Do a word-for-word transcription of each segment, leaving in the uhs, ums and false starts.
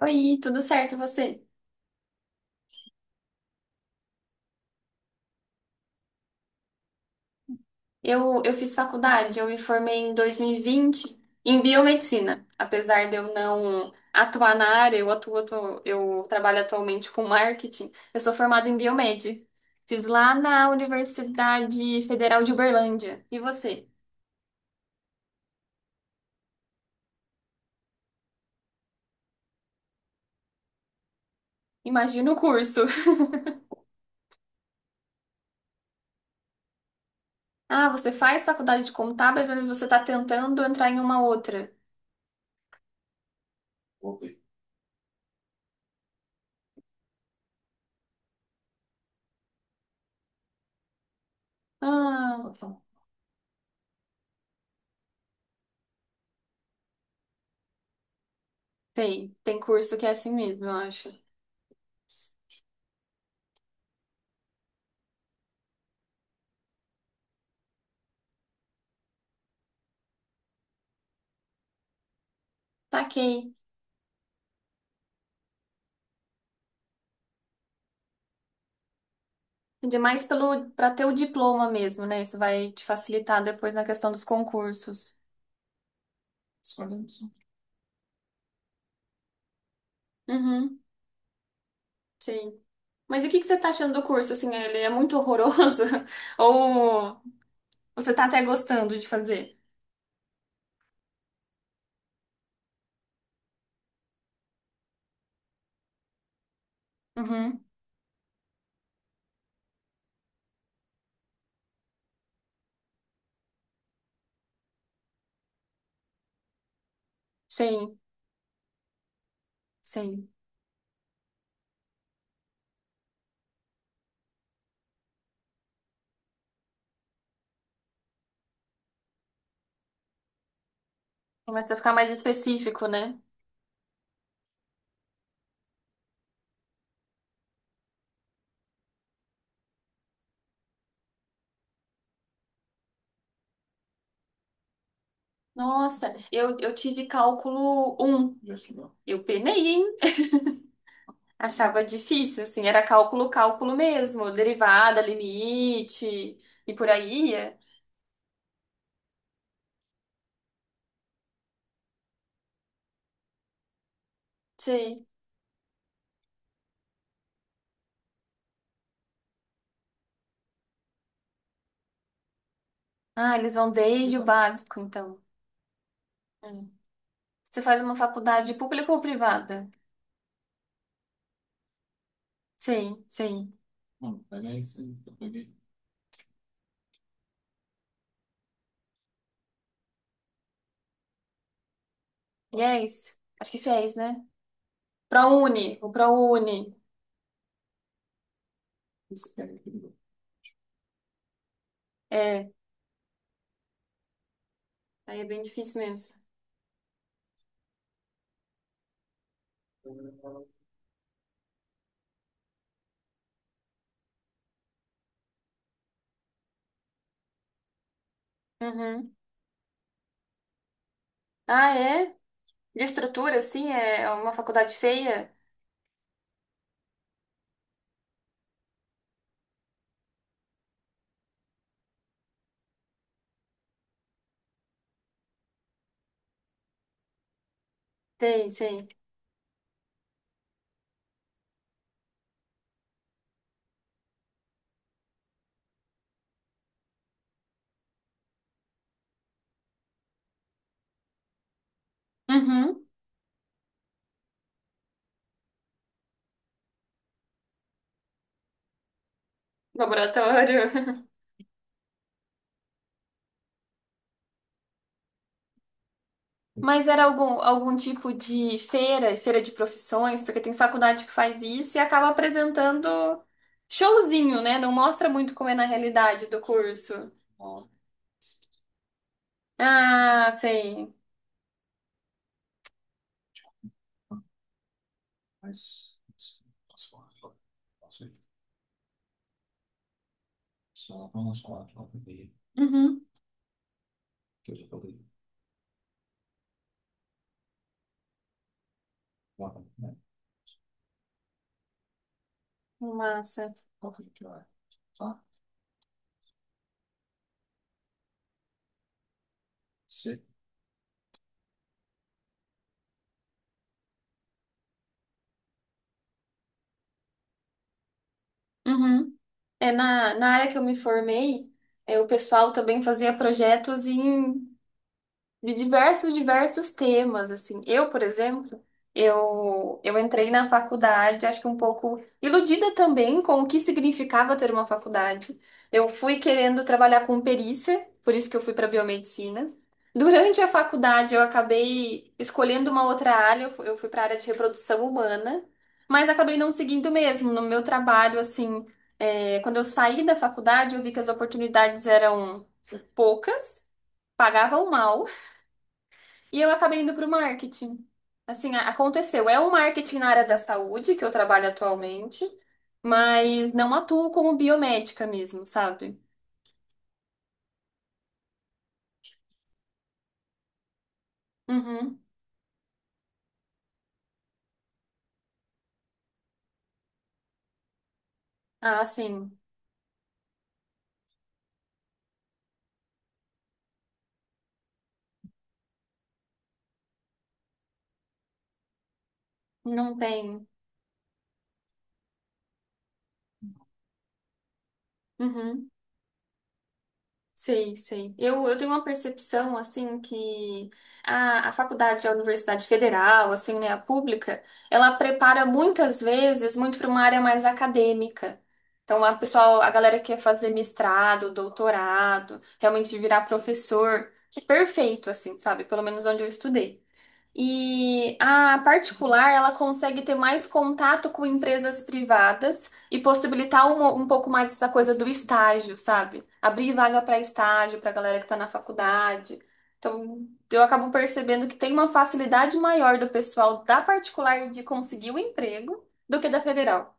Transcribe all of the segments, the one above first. Oi, tudo certo, e você? Eu, eu fiz faculdade, eu me formei em dois mil e vinte em biomedicina. Apesar de eu não atuar na área, eu atuo, atuo- eu trabalho atualmente com marketing. Eu sou formada em biomed. Fiz lá na Universidade Federal de Uberlândia. E você? Imagina o curso. Ah, você faz faculdade de contábeis, mas você está tentando entrar em uma outra. Ah, tem. Tem curso que é assim mesmo, eu acho. Taquei. Ainda mais pelo para ter o diploma mesmo, né? Isso vai te facilitar depois na questão dos concursos. Excelente. Uhum, sim. Mas o que que você tá achando do curso? Assim, ele é muito horroroso? Ou você tá até gostando de fazer? Uhum. Sim, sim. Começa a ficar mais específico, né? Nossa, eu, eu tive cálculo um. Eu penei, hein? Achava difícil, assim, era cálculo, cálculo mesmo, derivada, limite e por aí ia. Ah, eles vão desde o básico, então. Hum. Você faz uma faculdade pública ou privada? Sim, sim. E é isso. Acho que fez, né? ProUni, o ProUni. É, aí é bem difícil mesmo. Uhum. Ah, é? De estrutura, assim? É uma faculdade feia? Sei, sei. Uhum. Laboratório. Mas era algum, algum tipo de feira, feira de profissões, porque tem faculdade que faz isso e acaba apresentando showzinho, né? Não mostra muito como é na realidade do curso. Ah, sei. Uhum. Massa. Uhum. É, na, na área que eu me formei, é, o pessoal também fazia projetos em de diversos, diversos temas, assim. Eu, por exemplo, eu, eu entrei na faculdade, acho que um pouco iludida também com o que significava ter uma faculdade. Eu fui querendo trabalhar com perícia, por isso que eu fui para biomedicina. Durante a faculdade, eu acabei escolhendo uma outra área, eu fu- eu fui para a área de reprodução humana, mas acabei não seguindo mesmo. No meu trabalho, assim, é, quando eu saí da faculdade, eu vi que as oportunidades eram poucas, pagavam mal, e eu acabei indo para o marketing. Assim, a- aconteceu. É o marketing na área da saúde que eu trabalho atualmente, mas não atuo como biomédica mesmo, sabe? Uhum. Ah, sim. Não tem. Uhum. Sei, sei. Eu, eu tenho uma percepção, assim, que a, a faculdade, a universidade federal, assim, né, a pública, ela prepara muitas vezes muito para uma área mais acadêmica. Então, a pessoal, a galera que quer fazer mestrado, doutorado, realmente virar professor, que perfeito, assim, sabe? Pelo menos onde eu estudei. E a particular, ela consegue ter mais contato com empresas privadas e possibilitar um, um pouco mais essa coisa do estágio, sabe? Abrir vaga para estágio, para galera que está na faculdade. Então, eu acabo percebendo que tem uma facilidade maior do pessoal da particular de conseguir o emprego do que da federal.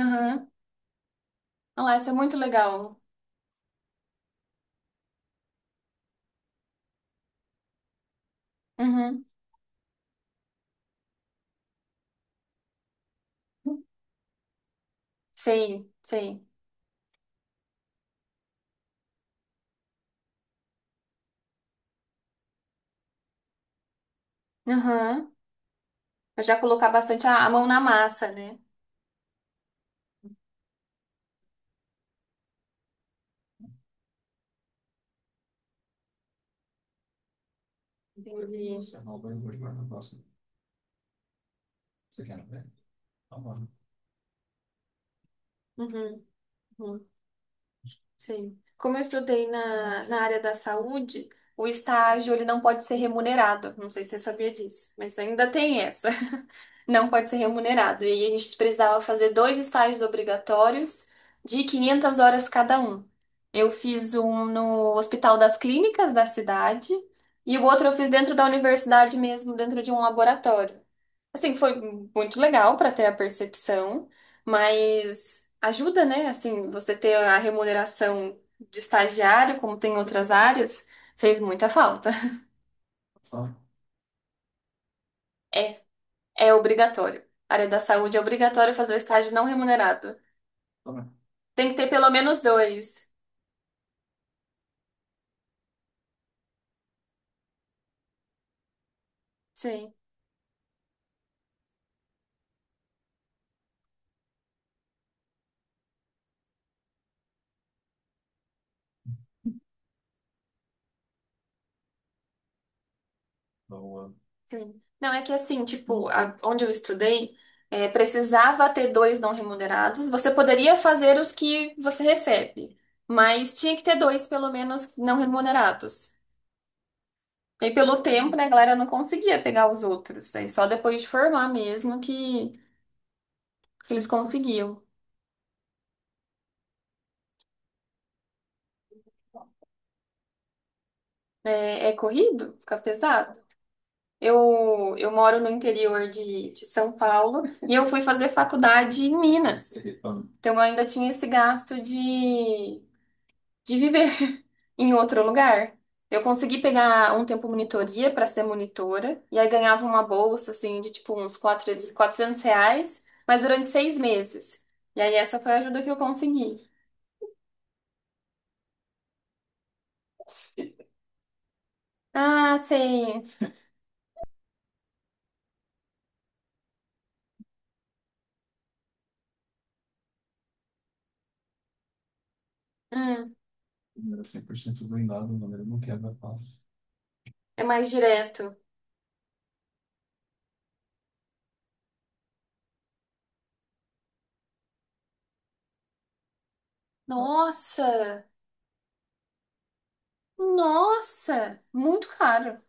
Aham. Olha lá, isso é muito legal. Uhum. Sei, sei. Aham. Eu já colocar bastante a, a mão na massa, né? Entendi. Uhum, uhum, sim. Como eu estudei na, na área da saúde, o estágio ele não pode ser remunerado. Não sei se você sabia disso, mas ainda tem essa não pode ser remunerado. E aí a gente precisava fazer dois estágios obrigatórios de quinhentas horas cada um. Eu fiz um no Hospital das Clínicas da cidade e o outro eu fiz dentro da universidade mesmo, dentro de um laboratório. Assim, foi muito legal para ter a percepção, mas ajuda, né? Assim, você ter a remuneração de estagiário, como tem em outras áreas, fez muita falta. É, é obrigatório. A área da saúde é obrigatório fazer o estágio não remunerado. Tem que ter pelo menos dois. Sim, sim. Não, é que assim, tipo, a- onde eu estudei, é, precisava ter dois não remunerados. Você poderia fazer os que você recebe, mas tinha que ter dois, pelo menos, não remunerados. E aí, pelo tempo, né, a galera não conseguia pegar os outros. Aí só depois de formar mesmo que, que eles conseguiam. É, é corrido? Fica pesado? Eu, eu moro no interior de, de São Paulo e eu fui fazer faculdade em Minas. Então eu ainda tinha esse gasto de, de viver em outro lugar. Eu consegui pegar um tempo monitoria para ser monitora e aí ganhava uma bolsa assim de tipo uns quatro quatrocentos reais, mas durante seis meses. E aí essa foi a ajuda que eu consegui. Ah, sei. Hum, é mais direto. Nossa! Nossa! Muito caro.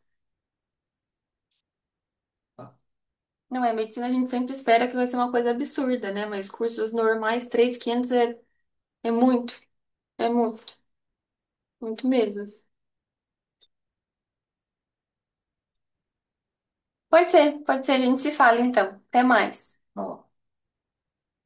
Não é, medicina a gente sempre espera que vai ser uma coisa absurda, né? Mas cursos normais, três mil e quinhentos é, é muito, é muito, muito mesmo. Pode ser, pode ser, a gente se fala então. Até mais.